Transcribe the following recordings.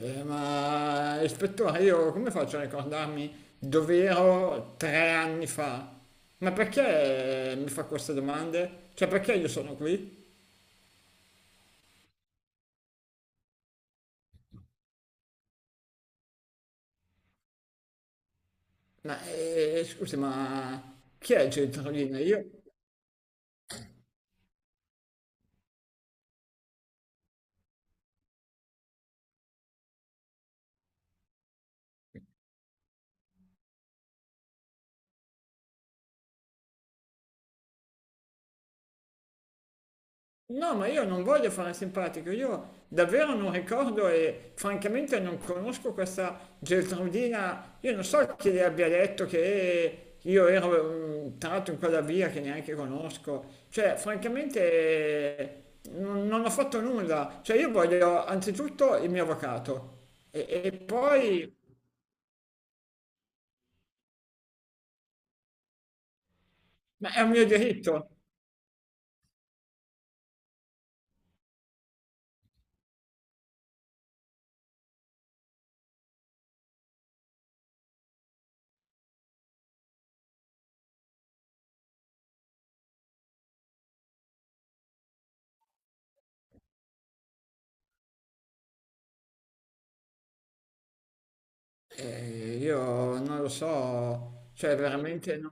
Ma ispettore, io come faccio a ricordarmi dove ero 3 anni fa? Ma perché mi fa queste domande? Cioè, perché io sono qui? Ma scusi, ma chi è Geltrudina? Io. No, ma io non voglio fare simpatico, io davvero non ricordo e francamente non conosco questa Geltrudina, io non so chi le abbia detto che io ero tratto in quella via che neanche conosco, cioè francamente eh, non ho fatto nulla, cioè io voglio anzitutto il mio avvocato e poi, ma è un mio diritto. Io non lo so, cioè veramente non.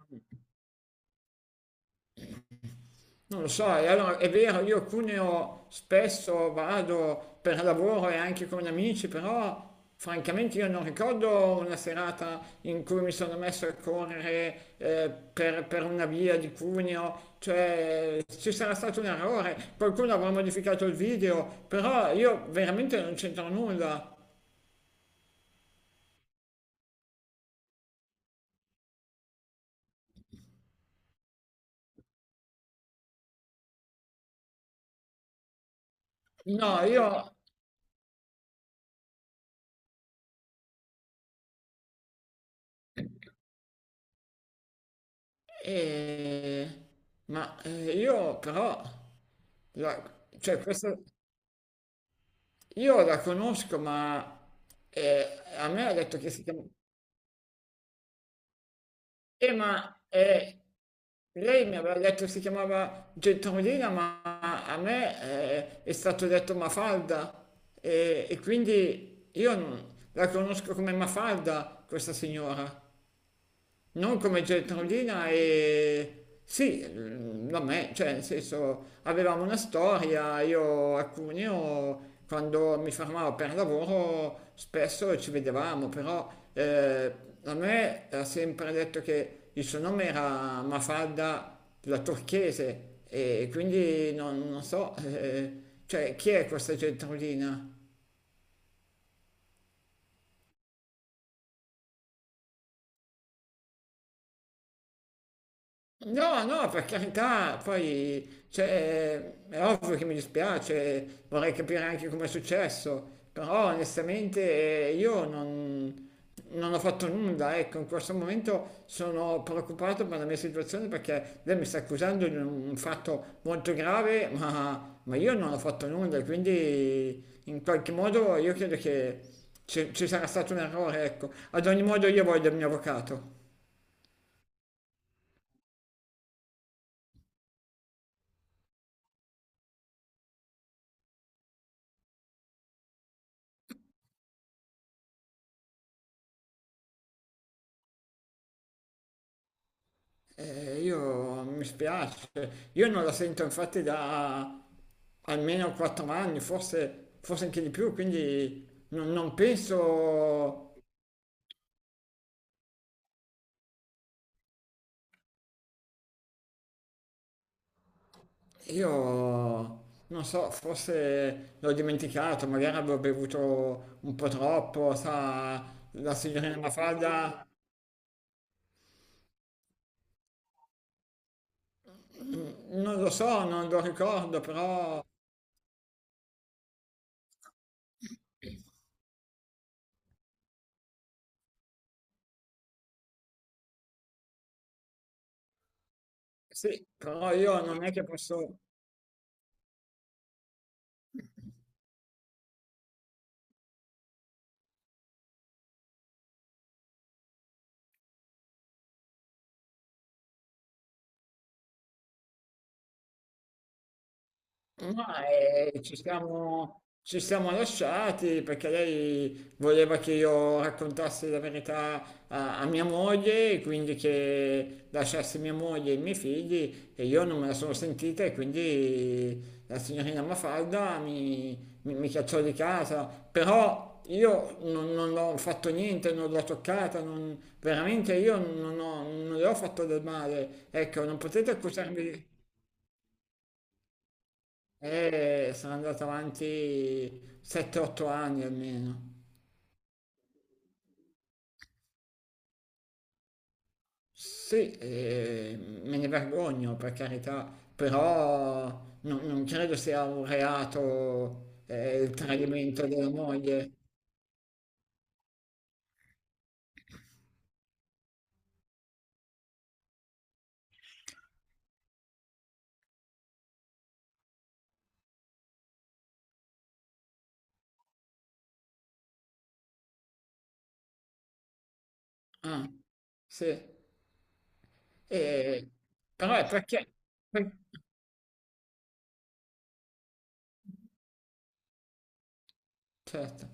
Non lo so, e allora è vero, io a Cuneo spesso vado per lavoro e anche con amici, però francamente io non ricordo una serata in cui mi sono messo a correre per una via di Cuneo, cioè ci sarà stato un errore, qualcuno avrà modificato il video, però io veramente non c'entro nulla. No, io. Eh, ma io però. la- cioè questo. Io la conosco, ma a me ha detto che si chiama. Ma lei mi aveva detto che si chiamava Gentolina, ma a me è stato detto Mafalda. E quindi io la conosco come Mafalda, questa signora. Non come Geltrudina e. Sì, da me, cioè nel senso avevamo una storia, io a Cuneo quando mi fermavo per lavoro spesso ci vedevamo, però eh, a me ha sempre detto che il suo nome era Mafalda la Turchese e quindi non so, cioè chi è questa Geltrudina? No, no, per carità, poi cioè, è ovvio che mi dispiace, vorrei capire anche come è successo, però onestamente io non ho fatto nulla, ecco, in questo momento sono preoccupato per la mia situazione perché lei mi sta accusando di un fatto molto grave, ma io non ho fatto nulla, quindi in qualche modo io credo che ci sarà stato un errore, ecco. Ad ogni modo io voglio il mio avvocato. Io mi spiace, io non la sento infatti da almeno 4 anni, forse anche di più, quindi non penso, io non so, forse l'ho dimenticato, magari avevo bevuto un po' troppo, sa, la signorina Mafalda, non lo so, non lo ricordo, però sì, però io non è che posso. Ma ci siamo lasciati perché lei voleva che io raccontassi la verità a mia moglie, e quindi che lasciassi mia moglie e i miei figli e io non me la sono sentita e quindi la signorina Mafalda mi cacciò di casa. Però io non ho fatto niente, non l'ho toccata, veramente io non le ho fatto del male. Ecco, non potete accusarmi di. E sono andato avanti 7-8 anni almeno. Sì, e me ne vergogno per carità, però non credo sia un reato il tradimento della moglie. Ah, sì. E- Però è perché... per- Certo.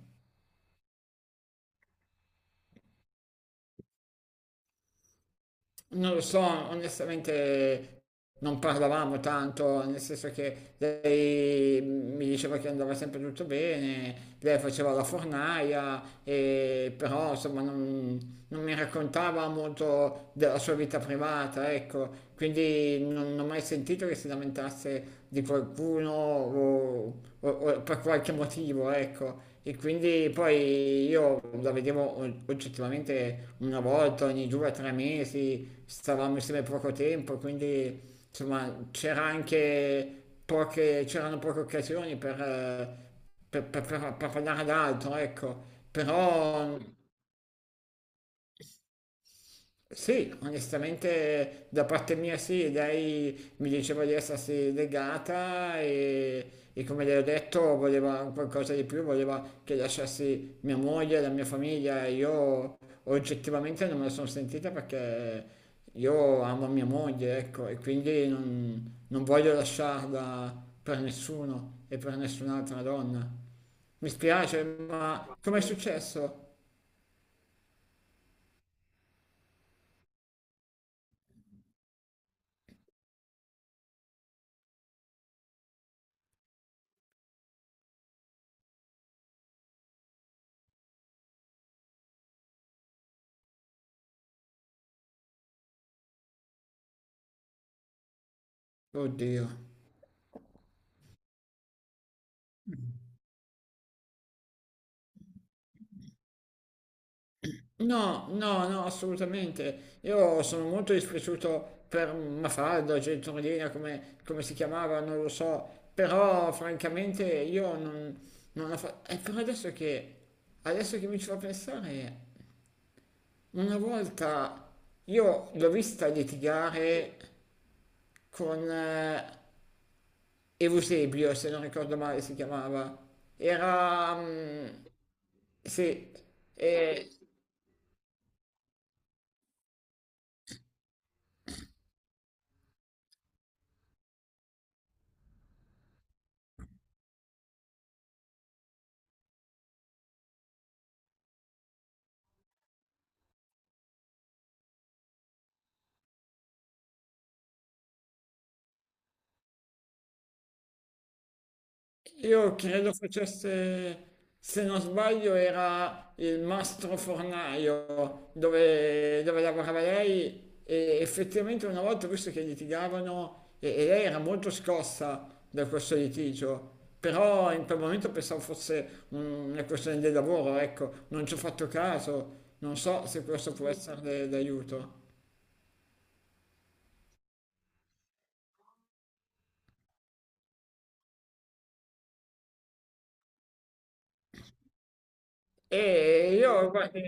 Non lo so, onestamente non parlavamo tanto, nel senso che lei mi diceva che andava sempre tutto bene, lei faceva la fornaia, però insomma non mi raccontava molto della sua vita privata, ecco, quindi non ho mai sentito che si lamentasse di qualcuno o per qualche motivo, ecco. E quindi poi io la vedevo oggettivamente una volta ogni 2 o 3 mesi, cui stavamo insieme poco tempo, quindi insomma c'era anche poche occasioni per parlare ad altro, ecco. Però sì, onestamente da parte mia sì, lei mi diceva di essersi legata e come le ho detto voleva un qualcosa di più, voleva che lasciassi mia moglie, la mia famiglia. Io oggettivamente non me la sono sentita perché io amo mia moglie, ecco, e quindi non voglio lasciarla per nessuno e per nessun'altra donna. Mi spiace, ma com'è successo? Oddio. No, no, no, assolutamente. Io sono molto dispiaciuto per Mafalda, Gentorlina, come si chiamava, non lo so, però francamente io non, non la fa. E però adesso che mi ci fa pensare, una volta io l'ho vista litigare con Eusebio, se non ricordo male si chiamava. Era. Sì, e Io credo facesse, se non sbaglio, era il mastro fornaio dove lavorava lei e effettivamente una volta, ho visto che litigavano, e lei era molto scossa da questo litigio, però in quel momento pensavo fosse una questione del lavoro, ecco, non ci ho fatto caso, non so se questo può essere d'aiuto. E io, guardi.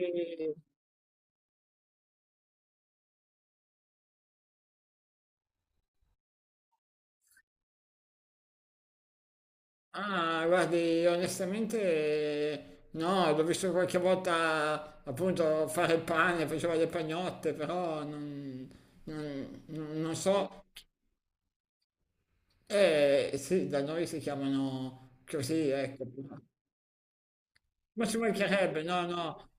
Ah, guardi, onestamente no, l'ho visto qualche volta appunto fare il pane, faceva le pagnotte, però non so. Eh sì, da noi si chiamano così, ecco. Ma ci mancherebbe, no, no,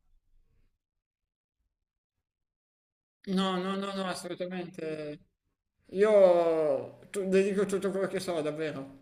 no, no, no, no, assolutamente. Io le dico tutto quello che so, davvero.